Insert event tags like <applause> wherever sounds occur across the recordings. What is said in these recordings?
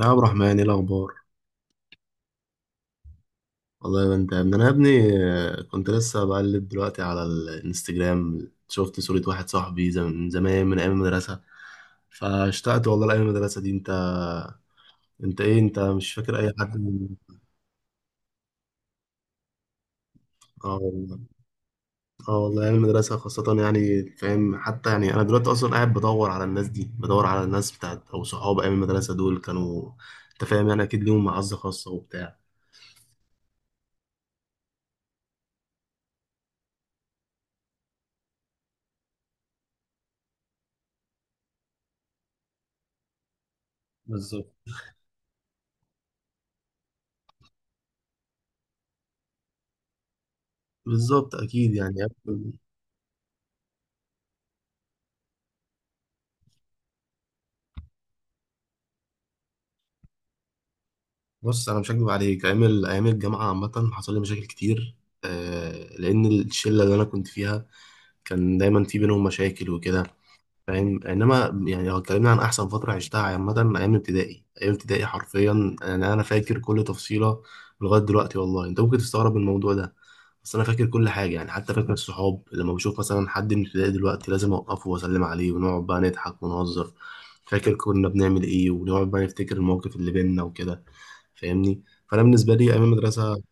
يا عبد الرحمن، ايه الاخبار؟ والله يا انت يا ابني، انا يا ابني. كنت لسه بقلب دلوقتي على الانستجرام، شفت صورة واحد صاحبي من زمان، من ايام المدرسة. فاشتقت والله لايام المدرسة دي. انت، انت ايه؟ انت مش فاكر اي حد من؟ اه والله. اه والله، ايام المدرسة خاصة يعني، فاهم؟ حتى يعني انا دلوقتي اصلا قاعد بدور على الناس دي، بدور على الناس بتاعت او صحاب ايام المدرسة دول كانوا. انت فاهم؟ يعني اكيد ليهم معزة خاصة وبتاع. بالظبط. بالظبط اكيد يعني. بص، انا مش هكدب عليك، ايام الجامعه عامه حصل لي مشاكل كتير. لان الشله اللي انا كنت فيها كان دايما في بينهم مشاكل وكده، فاهم؟ انما يعني لو اتكلمنا عن احسن فتره عشتها عامه، ايام ابتدائي ايام ابتدائي حرفيا، انا فاكر كل تفصيله لغايه دلوقتي والله. انت ممكن تستغرب من الموضوع ده، بس انا فاكر كل حاجه يعني. حتى فاكر الصحاب، لما بشوف مثلا حد من ابتدائي دلوقتي لازم اوقفه واسلم عليه، ونقعد بقى نضحك ونهزر، فاكر كنا بنعمل ايه، ونقعد بقى نفتكر المواقف اللي بينا وكده. فاهمني؟ فانا بالنسبه لي ايام المدرسه.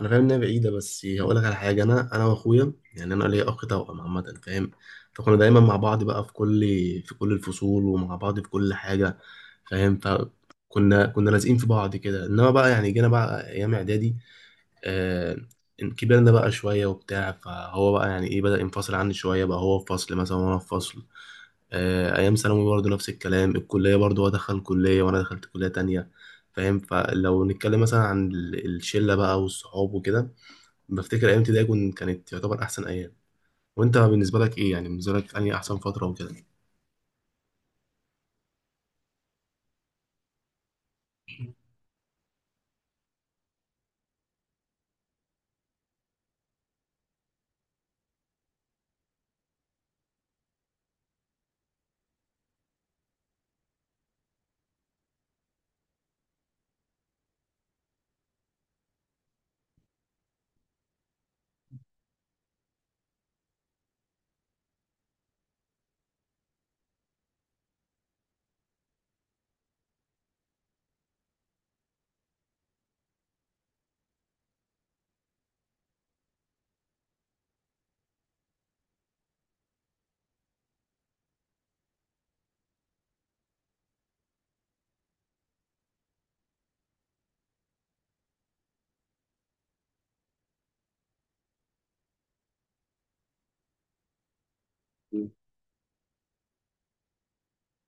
انا فاهم انها بعيده، بس هقول لك على حاجه. انا واخويا يعني، انا ليا اخ توأم عامه، فاهم؟ فكنا دايما مع بعض بقى في كل، في كل الفصول، ومع بعض في كل حاجه، فاهم؟ فكنا لازقين في بعض كده. انما بقى يعني جينا بقى ايام اعدادي، آه، كبرنا بقى شويه وبتاع، فهو بقى يعني ايه، بدأ ينفصل عني شويه بقى، هو في فصل مثلا وانا في فصل. آه، ايام ثانوي برضه نفس الكلام، الكليه برضه هو دخل كليه وانا دخلت كليه تانية، فاهم؟ فلو نتكلم مثلا عن الشله بقى والصحاب وكده، بفتكر ايام ابتدائي كانت تعتبر احسن ايام. وانت بالنسبه لك ايه يعني؟ بالنسبه لك انهي احسن فتره وكده؟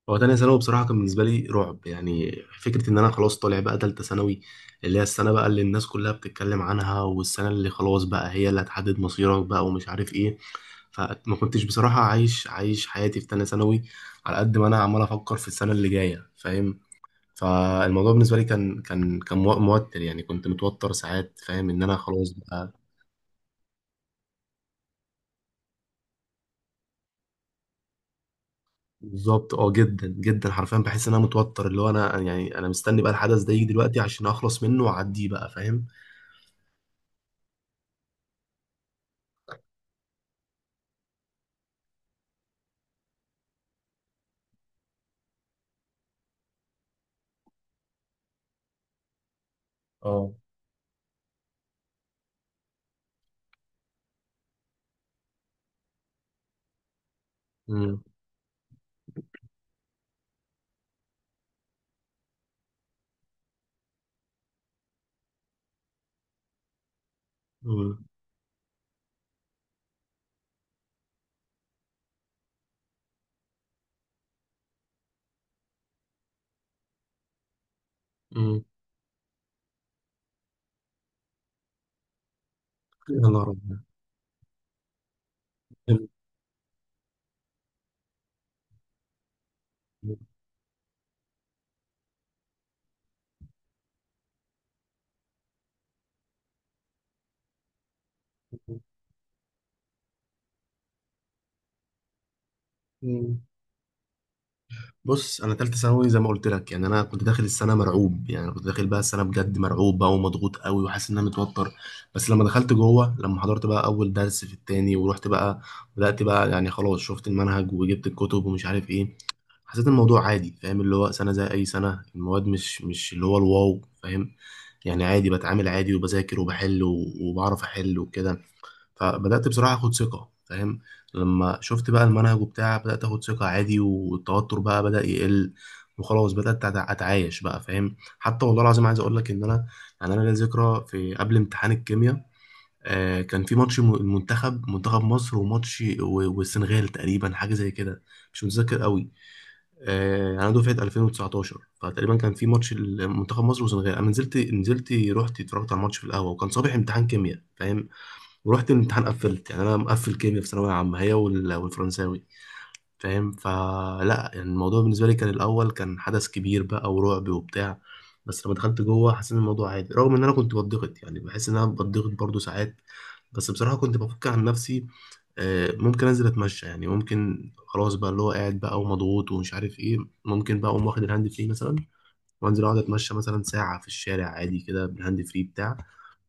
هو تانية ثانوي بصراحة كان بالنسبة لي رعب يعني. فكرة إن أنا خلاص طالع بقى تالتة ثانوي، اللي هي السنة بقى اللي الناس كلها بتتكلم عنها، والسنة اللي خلاص بقى هي اللي هتحدد مصيرك بقى، ومش عارف إيه. فما كنتش بصراحة عايش، عايش حياتي في تانية ثانوي، على قد ما أنا عمال أفكر في السنة اللي جاية، فاهم؟ فالموضوع بالنسبة لي كان، كان موتر يعني، كنت متوتر ساعات، فاهم؟ إن أنا خلاص بقى. بالظبط، اه جدا جدا حرفيا. بحس ان انا متوتر، اللي هو انا يعني انا مستني بقى الحدث ده يجي دلوقتي عشان اخلص منه واعديه بقى، فاهم؟ اه. امم امم امم. يا نهار أبيض. مم. بص، انا تالتة ثانوي زي ما قلت لك يعني، انا كنت داخل السنه مرعوب يعني، كنت داخل بقى السنه بجد مرعوب بقى، ومضغوط قوي، وحاسس ان انا متوتر. بس لما دخلت جوه، لما حضرت بقى اول درس في التاني، ورحت بقى، بدات بقى يعني خلاص، شفت المنهج وجبت الكتب ومش عارف ايه، حسيت الموضوع عادي، فاهم؟ اللي هو سنة زي أي سنة، المواد مش، مش اللي هو الواو، فاهم؟ يعني عادي، بتعامل عادي وبذاكر وبحل وبعرف أحل وكده. فبدأت بصراحة أخد ثقة، فاهم؟ لما شفت بقى المنهج وبتاع بدأت أخد ثقة عادي، والتوتر بقى بدأ يقل، وخلاص بدأت أتعايش بقى، فاهم؟ حتى والله العظيم عايز أقول لك إن أنا، يعني أنا ليا ذكرى في قبل امتحان الكيمياء. كان في ماتش المنتخب، منتخب مصر، وماتش والسنغال تقريبا، حاجة زي كده. مش متذكر قوي. انا دفعه 2019، فتقريبا كان في ماتش منتخب مصر والسنغال. انا نزلت، نزلت رحت اتفرجت على الماتش في القهوه، وكان صباح امتحان كيمياء، فاهم؟ ورحت الامتحان قفلت. يعني انا مقفل كيمياء في ثانويه عامه، هي والفرنساوي، فاهم؟ فلا يعني الموضوع بالنسبه لي كان الاول كان حدث كبير بقى، ورعب وبتاع، بس لما دخلت جوه حسيت إن الموضوع عادي، رغم ان انا كنت بتضغط يعني، بحس ان انا بتضغط برضو ساعات، بس بصراحه كنت بفك عن نفسي. ممكن انزل اتمشى يعني، ممكن خلاص بقى اللي هو قاعد بقى ومضغوط ومش عارف ايه، ممكن بقى اقوم واخد الهاند فري مثلا، وانزل اقعد اتمشى مثلا ساعه في الشارع عادي كده بالهاند فري بتاع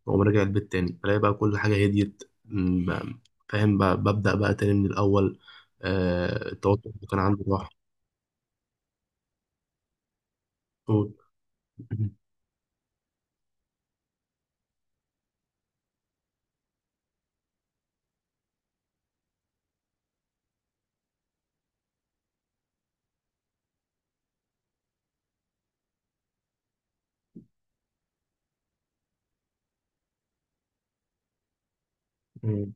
واقوم راجع البيت تاني بلاقي بقى كل حاجة هديت، فاهم؟ بقى ببدأ بقى تاني من الأول، آه، التوتر اللي كان عندي راح. أوه.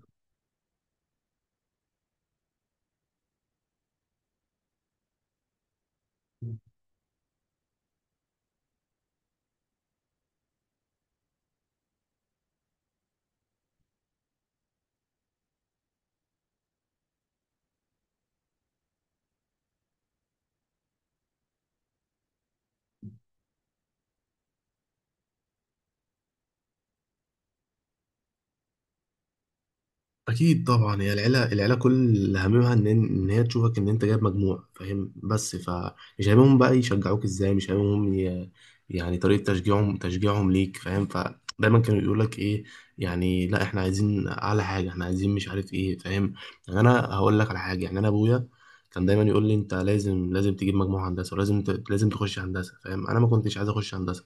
اكيد طبعا، هي العيله، العيله كل هممها ان، ان هي تشوفك ان انت جايب مجموع، فاهم؟ بس فمش هممهم بقى يشجعوك ازاي، مش هممهم يعني طريقه تشجيعهم، تشجيعهم ليك، فاهم؟ فدايما كانوا يقول لك ايه يعني، لا احنا عايزين اعلى حاجه، احنا عايزين مش عارف ايه، فاهم؟ يعني انا هقول لك على حاجه، يعني انا ابويا كان دايما يقول لي انت لازم، لازم تجيب مجموع هندسه، ولازم لازم تخش هندسه، فاهم؟ انا ما كنتش عايز اخش هندسه.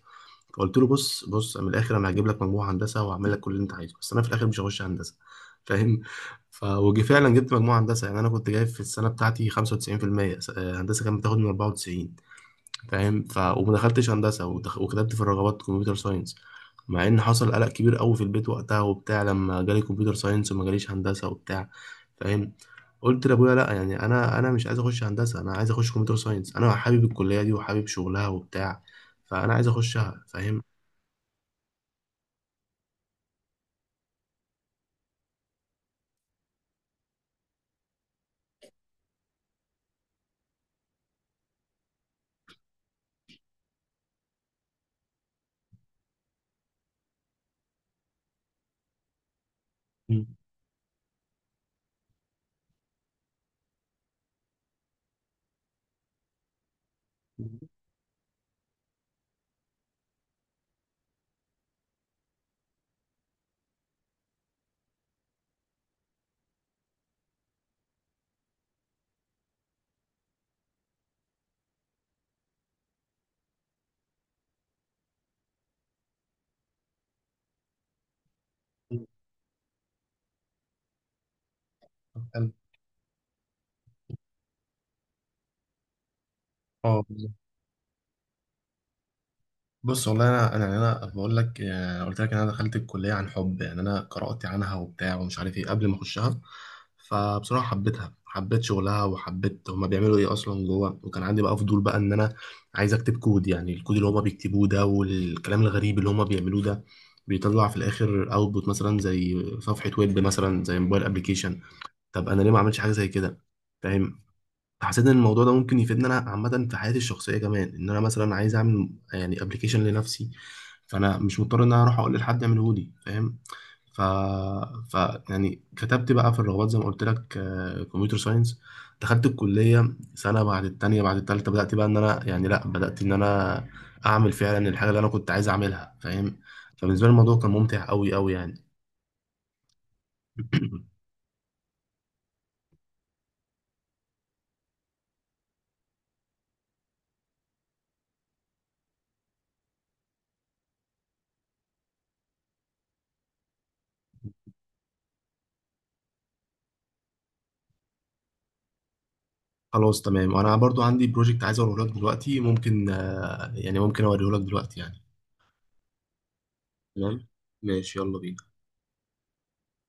فقلت له بص، بص من الاخر، انا هجيب لك مجموعه هندسه وهعمل لك كل اللي انت عايزه، بس انا في الاخر مش هخش هندسه، فاهم؟ ف، وجي فعلا جبت مجموعه هندسه، يعني انا كنت جايب في السنه بتاعتي 95%. هندسه كانت بتاخد من 94، فاهم؟ ف وما دخلتش هندسه، وكتبت في الرغبات كمبيوتر ساينس. مع ان حصل قلق كبير قوي في البيت وقتها وبتاع، لما جالي كمبيوتر ساينس وما جاليش هندسه وبتاع، فاهم؟ قلت لابويا لا يعني، انا انا مش عايز اخش هندسه، انا عايز اخش كمبيوتر ساينس، انا حابب الكليه دي، وحابب شغلها وبتاع، فانا عايز اخشها، فاهم؟ مم. حلو. اه بالظبط. بص والله، انا انا يعني انا بقول لك يعني، قلت لك إن انا دخلت الكليه عن حب، يعني انا قرات عنها وبتاع ومش عارف ايه قبل ما اخشها، فبصراحه حبيتها، حبيت شغلها، وحبيت هما بيعملوا ايه اصلا جوه. وكان عندي بقى فضول بقى ان انا عايز اكتب كود، يعني الكود اللي هما بيكتبوه ده، والكلام الغريب اللي هما بيعملوه ده، بيطلع في الاخر اوتبوت مثلا زي صفحه ويب، مثلا زي موبايل ابلكيشن. طب انا ليه ما عملتش حاجه زي كده، فاهم؟ حسيت ان الموضوع ده ممكن يفيدني انا عامه في حياتي الشخصيه كمان، ان انا مثلا عايز اعمل يعني ابلكيشن لنفسي، فانا مش مضطر ان انا اروح اقول لحد يعمله لي، فاهم؟ ف... ف، يعني كتبت بقى في الرغبات زي ما قلت لك كمبيوتر ساينس. دخلت الكليه سنه بعد التانيه بعد التالته، بدات بقى ان انا يعني، لا بدات ان انا اعمل فعلا الحاجه اللي انا كنت عايز اعملها، فاهم؟ فبالنسبه لي الموضوع كان ممتع قوي قوي يعني. <clears throat> خلاص تمام، وانا برضو عندي بروجكت عايز اوريه لك دلوقتي، ممكن، يعني ممكن اوريه لك دلوقتي يعني. تمام، ماشي يلا بينا.